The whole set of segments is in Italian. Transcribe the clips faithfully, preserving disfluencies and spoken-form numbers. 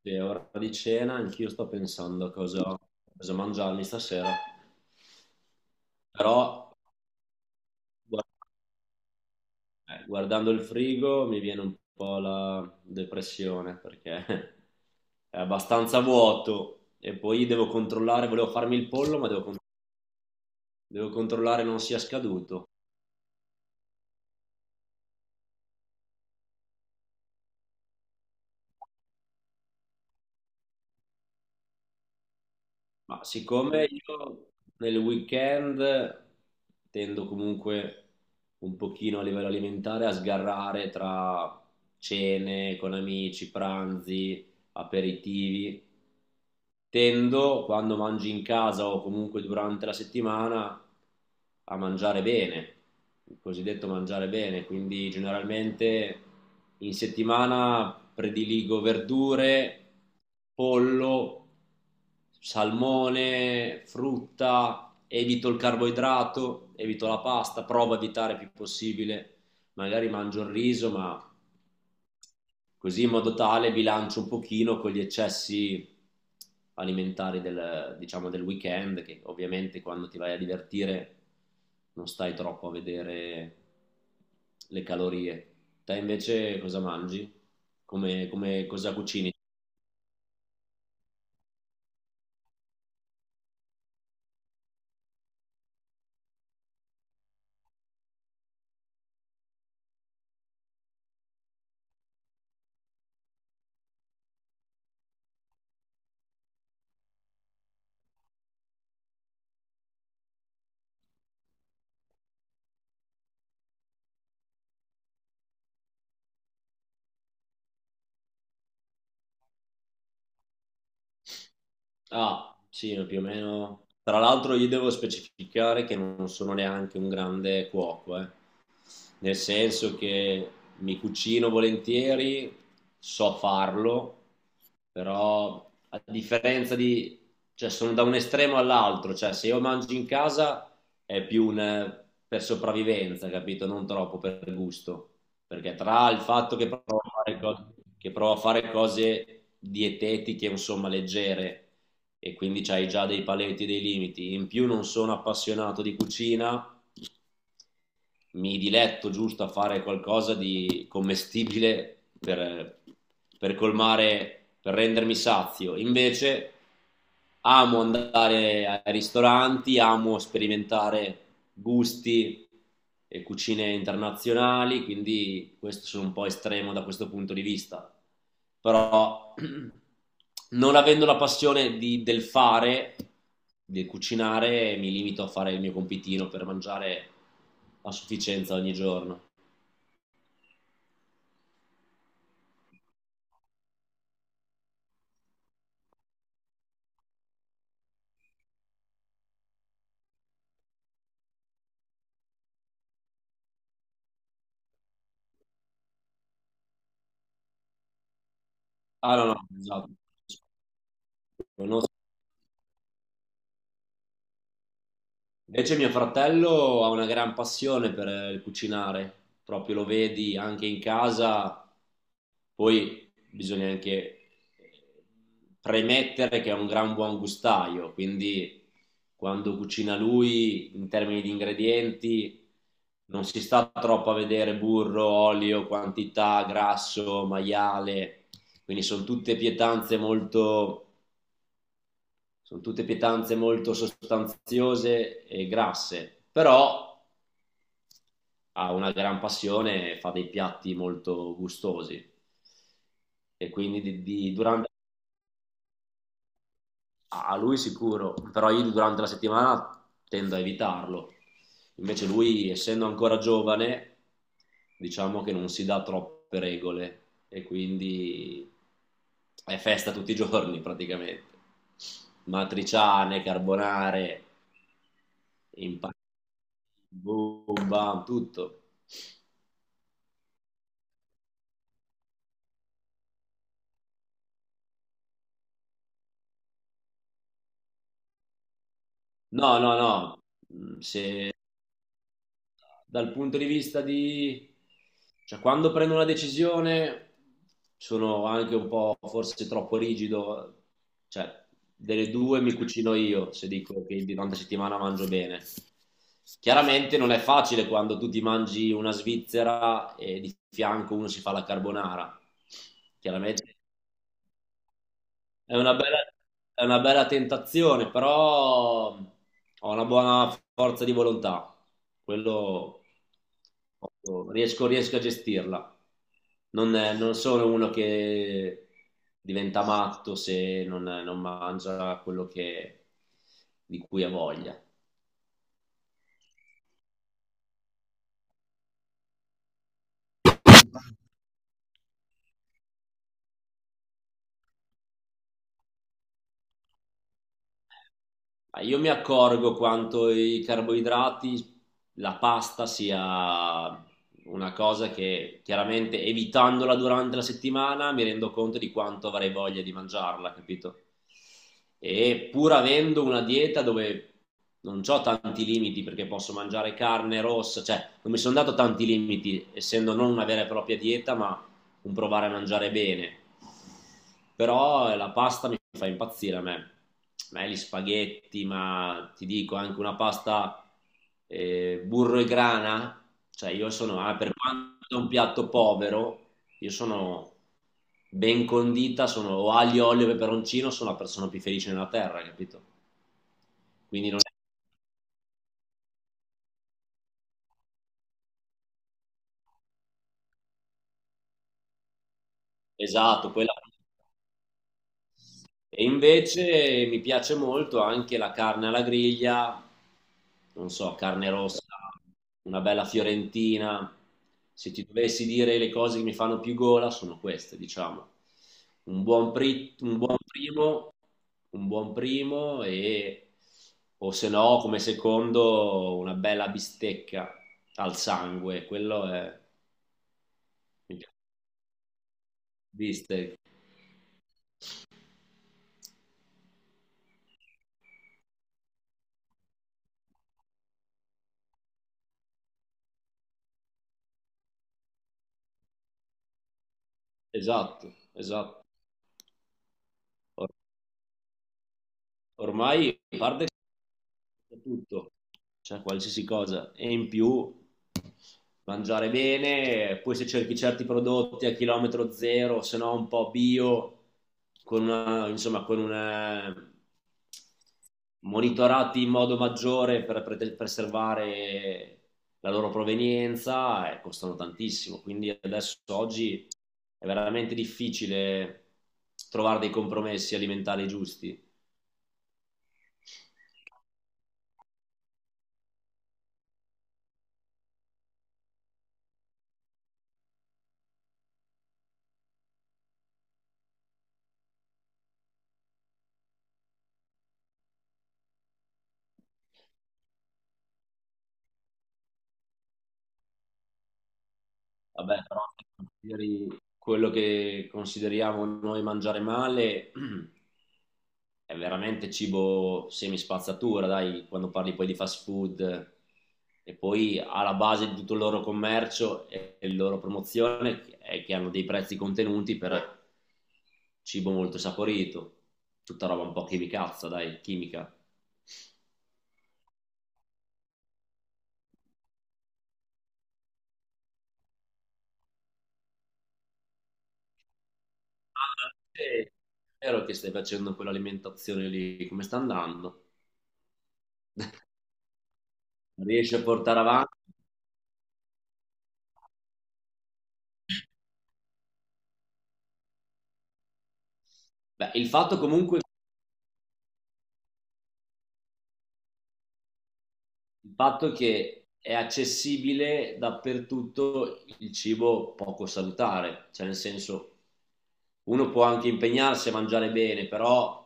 Sì, è ora di cena, anch'io sto pensando a cosa, cosa mangiarmi stasera, però guard- eh, guardando il frigo mi viene un po' la depressione perché è abbastanza vuoto. E poi devo controllare, volevo farmi il pollo, ma devo, con- devo controllare non sia scaduto. Ma siccome io nel weekend tendo comunque un pochino a livello alimentare a sgarrare tra cene con amici, pranzi, aperitivi. Tendo, quando mangi in casa o comunque durante la settimana, a mangiare bene, il cosiddetto mangiare bene, quindi generalmente in settimana prediligo verdure, pollo, salmone, frutta, evito il carboidrato, evito la pasta, provo a evitare il più possibile, magari mangio il riso, ma così in modo tale bilancio un pochino con gli eccessi alimentari del, diciamo, del weekend, che ovviamente quando ti vai a divertire non stai troppo a vedere le calorie. Te invece cosa mangi? Come, come cosa cucini? Ah, sì, più o meno. Tra l'altro io devo specificare che non sono neanche un grande cuoco, eh, nel senso che mi cucino volentieri, so farlo, però a differenza di, cioè sono da un estremo all'altro. Cioè se io mangio in casa è più un, eh, per sopravvivenza, capito? Non troppo per gusto, perché tra il fatto che provo a fare, co- che provo a fare cose dietetiche, insomma, leggere, e quindi hai già dei paletti e dei limiti, in più non sono appassionato di cucina, mi diletto giusto a fare qualcosa di commestibile per, per colmare, per rendermi sazio. Invece amo andare ai ristoranti, amo sperimentare gusti e cucine internazionali, quindi questo sono un po' estremo da questo punto di vista. Però non avendo la passione di- del fare, del cucinare, mi limito a fare il mio compitino per mangiare a sufficienza ogni giorno. Ah no, no, esatto. No, invece mio fratello ha una gran passione per il cucinare, proprio lo vedi anche in casa. Poi bisogna anche eh, premettere che è un gran buon gustaio, quindi quando cucina lui in termini di ingredienti non si sta troppo a vedere burro, olio, quantità, grasso, maiale, quindi sono tutte pietanze molto sono tutte pietanze molto sostanziose e grasse, però ha una gran passione e fa dei piatti molto gustosi. E quindi di- di- durante, a lui sicuro, però io durante la settimana tendo a evitarlo. Invece lui, essendo ancora giovane, diciamo che non si dà troppe regole e quindi è festa tutti i giorni praticamente. Matriciane, carbonare, impa- boom, bam, tutto. No, no, no. Mm, se dal punto di vista di... Cioè, quando prendo una decisione sono anche un po' forse troppo rigido. Cioè, delle due mi cucino io se dico che durante la settimana mangio bene. Chiaramente non è facile quando tu ti mangi una svizzera e di fianco uno si fa la carbonara. Chiaramente è una bella, è una bella tentazione, però ho una buona forza di volontà. Quello posso- riesco, riesco a gestirla. Non, è- non sono uno che diventa matto se non, non mangia quello che- di cui ha voglia. Ma io mi accorgo quanto i carboidrati, la pasta sia una cosa che chiaramente evitandola durante la settimana mi rendo conto di quanto avrei voglia di mangiarla, capito? E pur avendo una dieta dove non ho tanti limiti perché posso mangiare carne rossa, cioè non mi sono dato tanti limiti essendo non una vera e propria dieta, ma un provare a mangiare bene. Però eh, la pasta mi fa impazzire a me. A me gli spaghetti, ma ti dico anche una pasta eh, burro e grana, cioè io sono, ah, per quanto è un piatto povero, io sono ben condita, sono o aglio, olio e peperoncino, sono la persona più felice nella terra, capito? Quindi non è esatto, quella. E invece mi piace molto anche la carne alla griglia, non so, carne rossa, una bella fiorentina. Se ti dovessi dire le cose che mi fanno più gola sono queste, diciamo. Un buon, pri- un buon primo, un buon primo e o se no come secondo una bella bistecca al sangue, quello è mi piace. Bistecca. Esatto, esatto. Or- ormai parlo tutto, cioè qualsiasi cosa. E in più mangiare bene, poi se cerchi certi prodotti a chilometro zero, se no un po' bio, con una, insomma, con una monitorati in modo maggiore per, per preservare la loro provenienza e eh, costano tantissimo. Quindi adesso oggi è veramente difficile trovare dei compromessi alimentari giusti. Vabbè, però se consideri quello che consideriamo noi mangiare male è veramente cibo semispazzatura, dai, quando parli poi di fast food, e poi alla base di tutto il loro commercio e e la loro promozione è che hanno dei prezzi contenuti per cibo molto saporito, tutta roba un po' chimicazza, dai, chimica. Ah, sì, è vero che stai facendo quell'alimentazione lì, come sta andando? Riesci a portare avanti? Beh, il fatto comunque, il fatto che è accessibile dappertutto il cibo poco salutare, cioè nel senso uno può anche impegnarsi a mangiare bene, però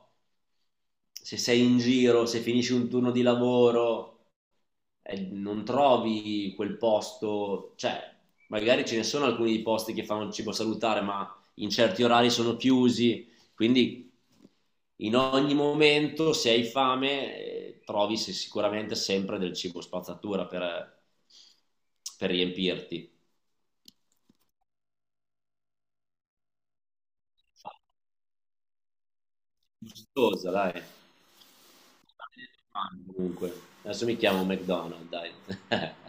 se sei in giro, se finisci un turno di lavoro, eh, non trovi quel posto, cioè magari ce ne sono alcuni di posti che fanno cibo salutare, ma in certi orari sono chiusi, quindi in ogni momento se hai fame eh, trovi se- sicuramente sempre del cibo spazzatura per, per riempirti. Gustosa, dai. Comunque, adesso mi chiamo McDonald's, dai.